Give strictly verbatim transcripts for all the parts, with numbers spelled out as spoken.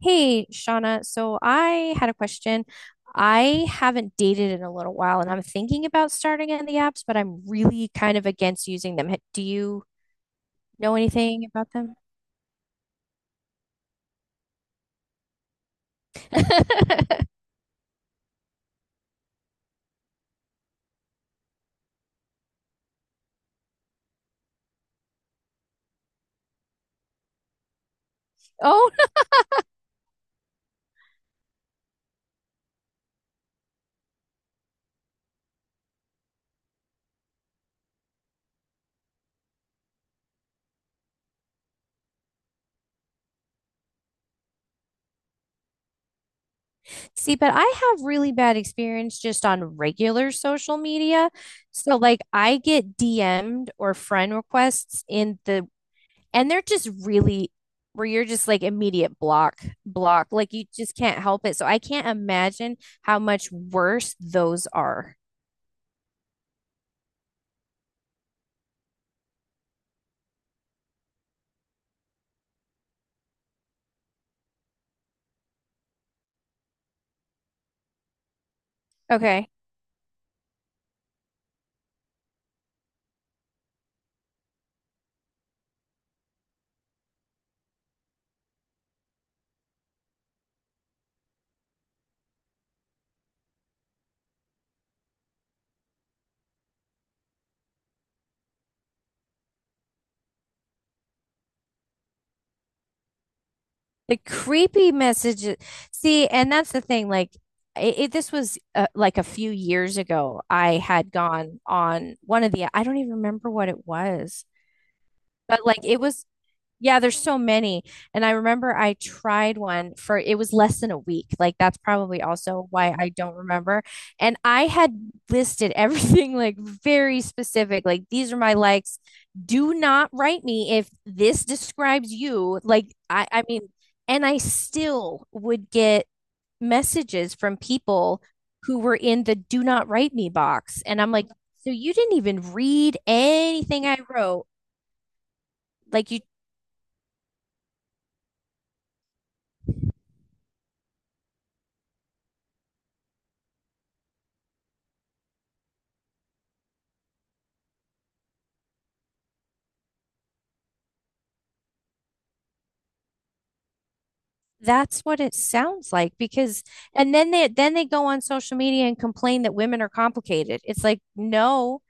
Hey, Shauna. So I had a question. I haven't dated in a little while and I'm thinking about starting it in the apps, but I'm really kind of against using them. Ha- Do you know anything about them? Oh, see, but I have really bad experience just on regular social media. So, like, I get D M'd or friend requests in the and they're just really where you're just like immediate block block like you just can't help it, so I can't imagine how much worse those are. Okay, the creepy messages. See, and that's the thing, like it, it- this was uh, like a few years ago. I had gone on one of the, I don't even remember what it was, but like it was, yeah, there's so many. And I remember I tried one for, it was less than a week. Like, that's probably also why I don't remember. And I had listed everything like very specific. Like, these are my likes. Do not write me if this describes you. Like I I mean, and I still would get messages from people who were in the do not write me box. And I'm like, so you didn't even read anything I wrote. Like you. That's what it sounds like, because and then they then they go on social media and complain that women are complicated. It's like, no,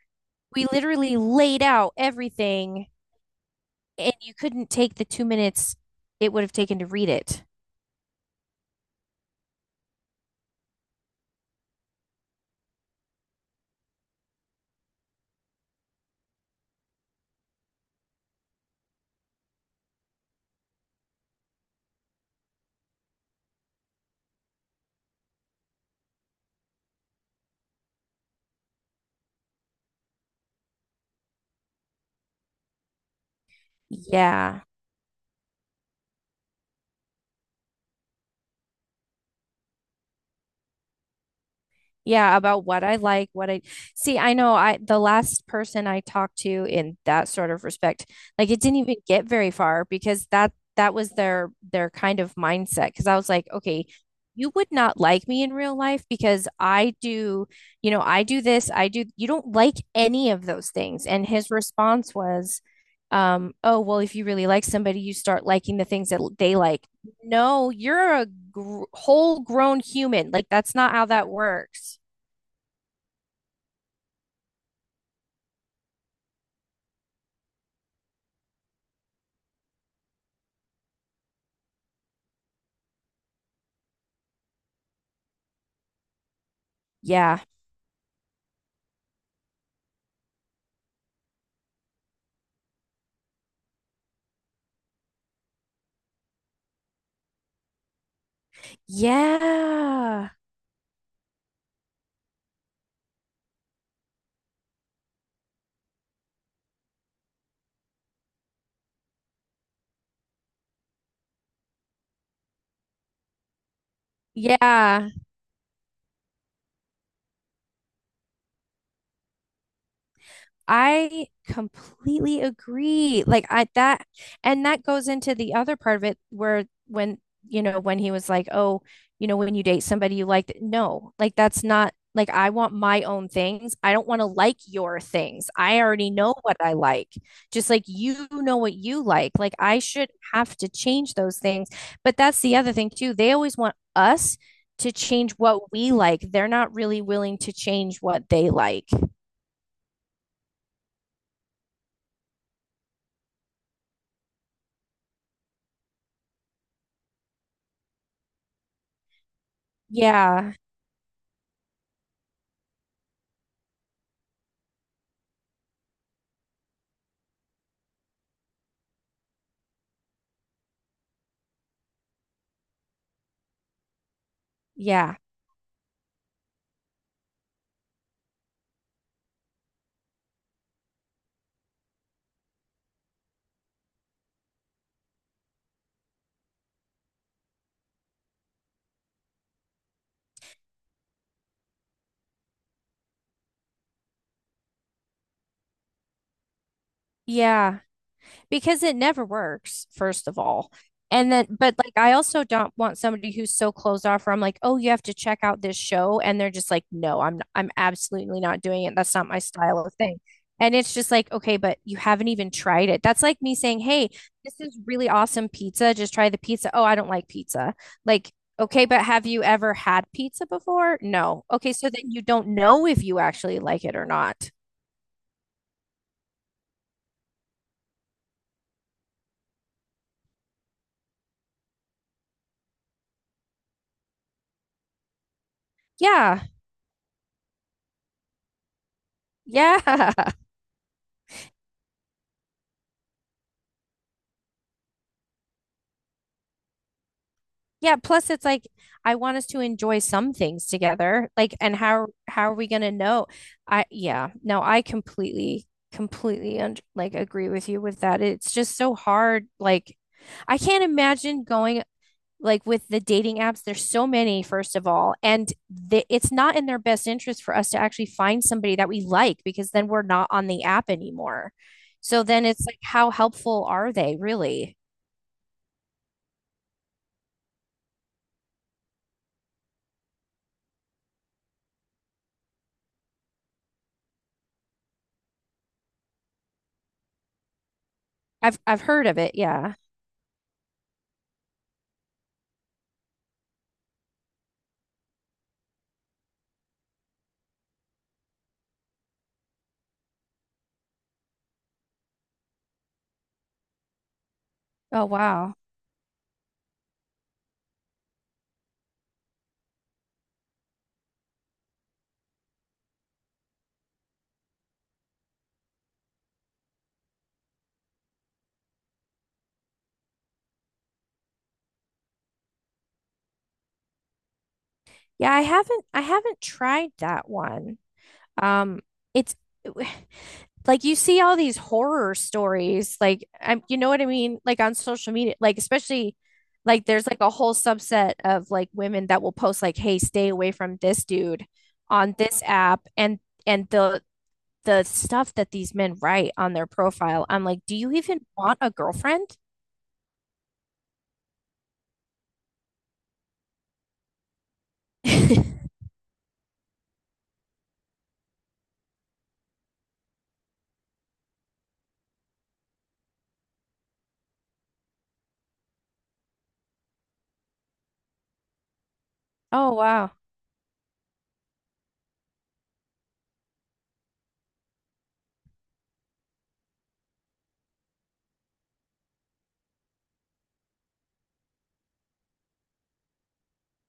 we literally laid out everything and you couldn't take the two minutes it would have taken to read it. Yeah. Yeah, about what I like, what I see. I know I, the last person I talked to in that sort of respect, like it didn't even get very far because that, that was their their kind of mindset. Because I was like, okay, you would not like me in real life because I do, you know, I do this, I do. You don't like any of those things. And his response was, um, oh, well, if you really like somebody, you start liking the things that l- they like. No, you're a gr whole grown human. Like, that's not how that works. Yeah. Yeah. Yeah. I completely agree. Like I, that, and that goes into the other part of it where when, you know, when he was like, "Oh, you know, when you date somebody you like," no, like, that's not, like, I want my own things. I don't want to like your things. I already know what I like. Just like you know what you like. Like, I should have to change those things. But that's the other thing too. They always want us to change what we like. They're not really willing to change what they like. Yeah. Yeah. Yeah, because it never works, first of all. And then, but like, I also don't want somebody who's so closed off where I'm like, oh, you have to check out this show. And they're just like, no, I'm, I'm absolutely not doing it. That's not my style of thing. And it's just like, okay, but you haven't even tried it. That's like me saying, hey, this is really awesome pizza. Just try the pizza. Oh, I don't like pizza. Like, okay, but have you ever had pizza before? No. Okay, so then you don't know if you actually like it or not. Yeah. Yeah. Yeah, plus it's like I want us to enjoy some things together. Like, and how how are we gonna know? I, yeah, no, I completely completely un like agree with you with that. It's just so hard. Like, I can't imagine going like with the dating apps. There's so many, first of all, and the, it's not in their best interest for us to actually find somebody that we like because then we're not on the app anymore. So then it's like, how helpful are they really? I've I've heard of it. Yeah. Oh, wow. Yeah, I haven't I haven't tried that one. Um, it's like you see all these horror stories, like I'm, you know what I mean? Like on social media, like especially like there's like a whole subset of like women that will post like, "Hey, stay away from this dude on this app," and and the the stuff that these men write on their profile. I'm like, "Do you even want a girlfriend?" Oh, wow.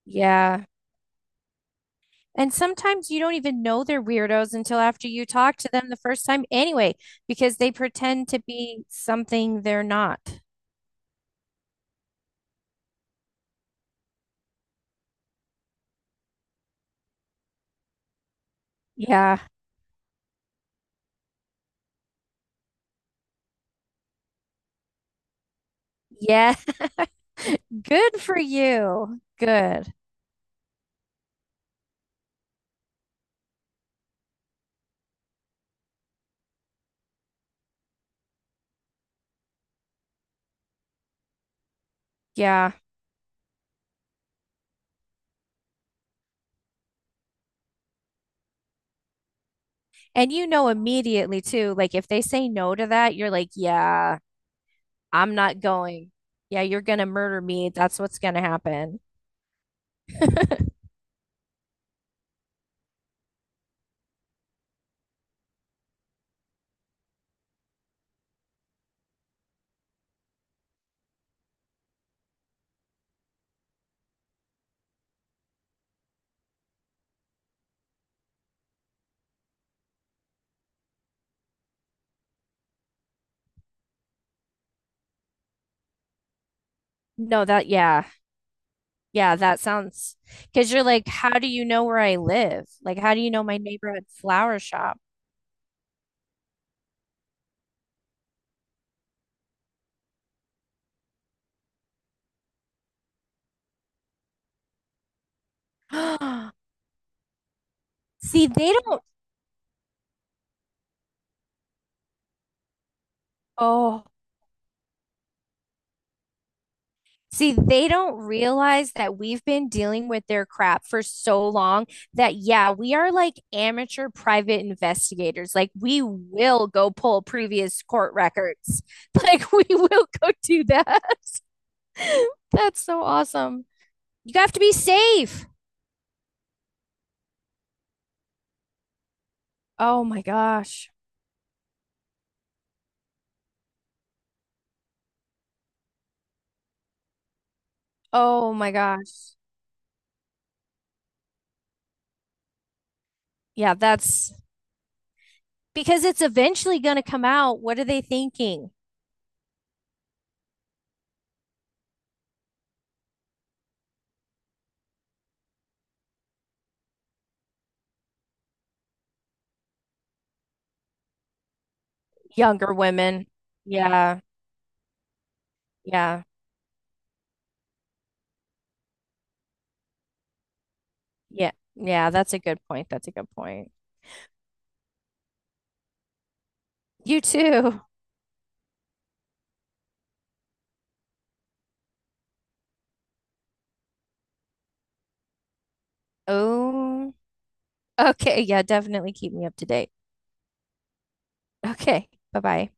Yeah. And sometimes you don't even know they're weirdos until after you talk to them the first time anyway, because they pretend to be something they're not. Yeah. Yeah. Good for you. Good. Yeah. And you know immediately too, like if they say no to that, you're like, yeah, I'm not going. Yeah, you're gonna murder me. That's what's gonna happen. No, that, yeah. Yeah, that sounds, because you're like, how do you know where I live? Like, how do you know my neighborhood flower shop? See, they don't, oh, see, they don't realize that we've been dealing with their crap for so long that, yeah, we are like amateur private investigators. Like, we will go pull previous court records. Like, we will go do that. That's so awesome. You have to be safe. Oh my gosh. Oh my gosh. Yeah, that's because it's eventually going to come out. What are they thinking? Younger women. Yeah. Yeah. Yeah. Yeah, that's a good point. That's a good point. You too. Oh, okay. Yeah, definitely keep me up to date. Okay. Bye-bye.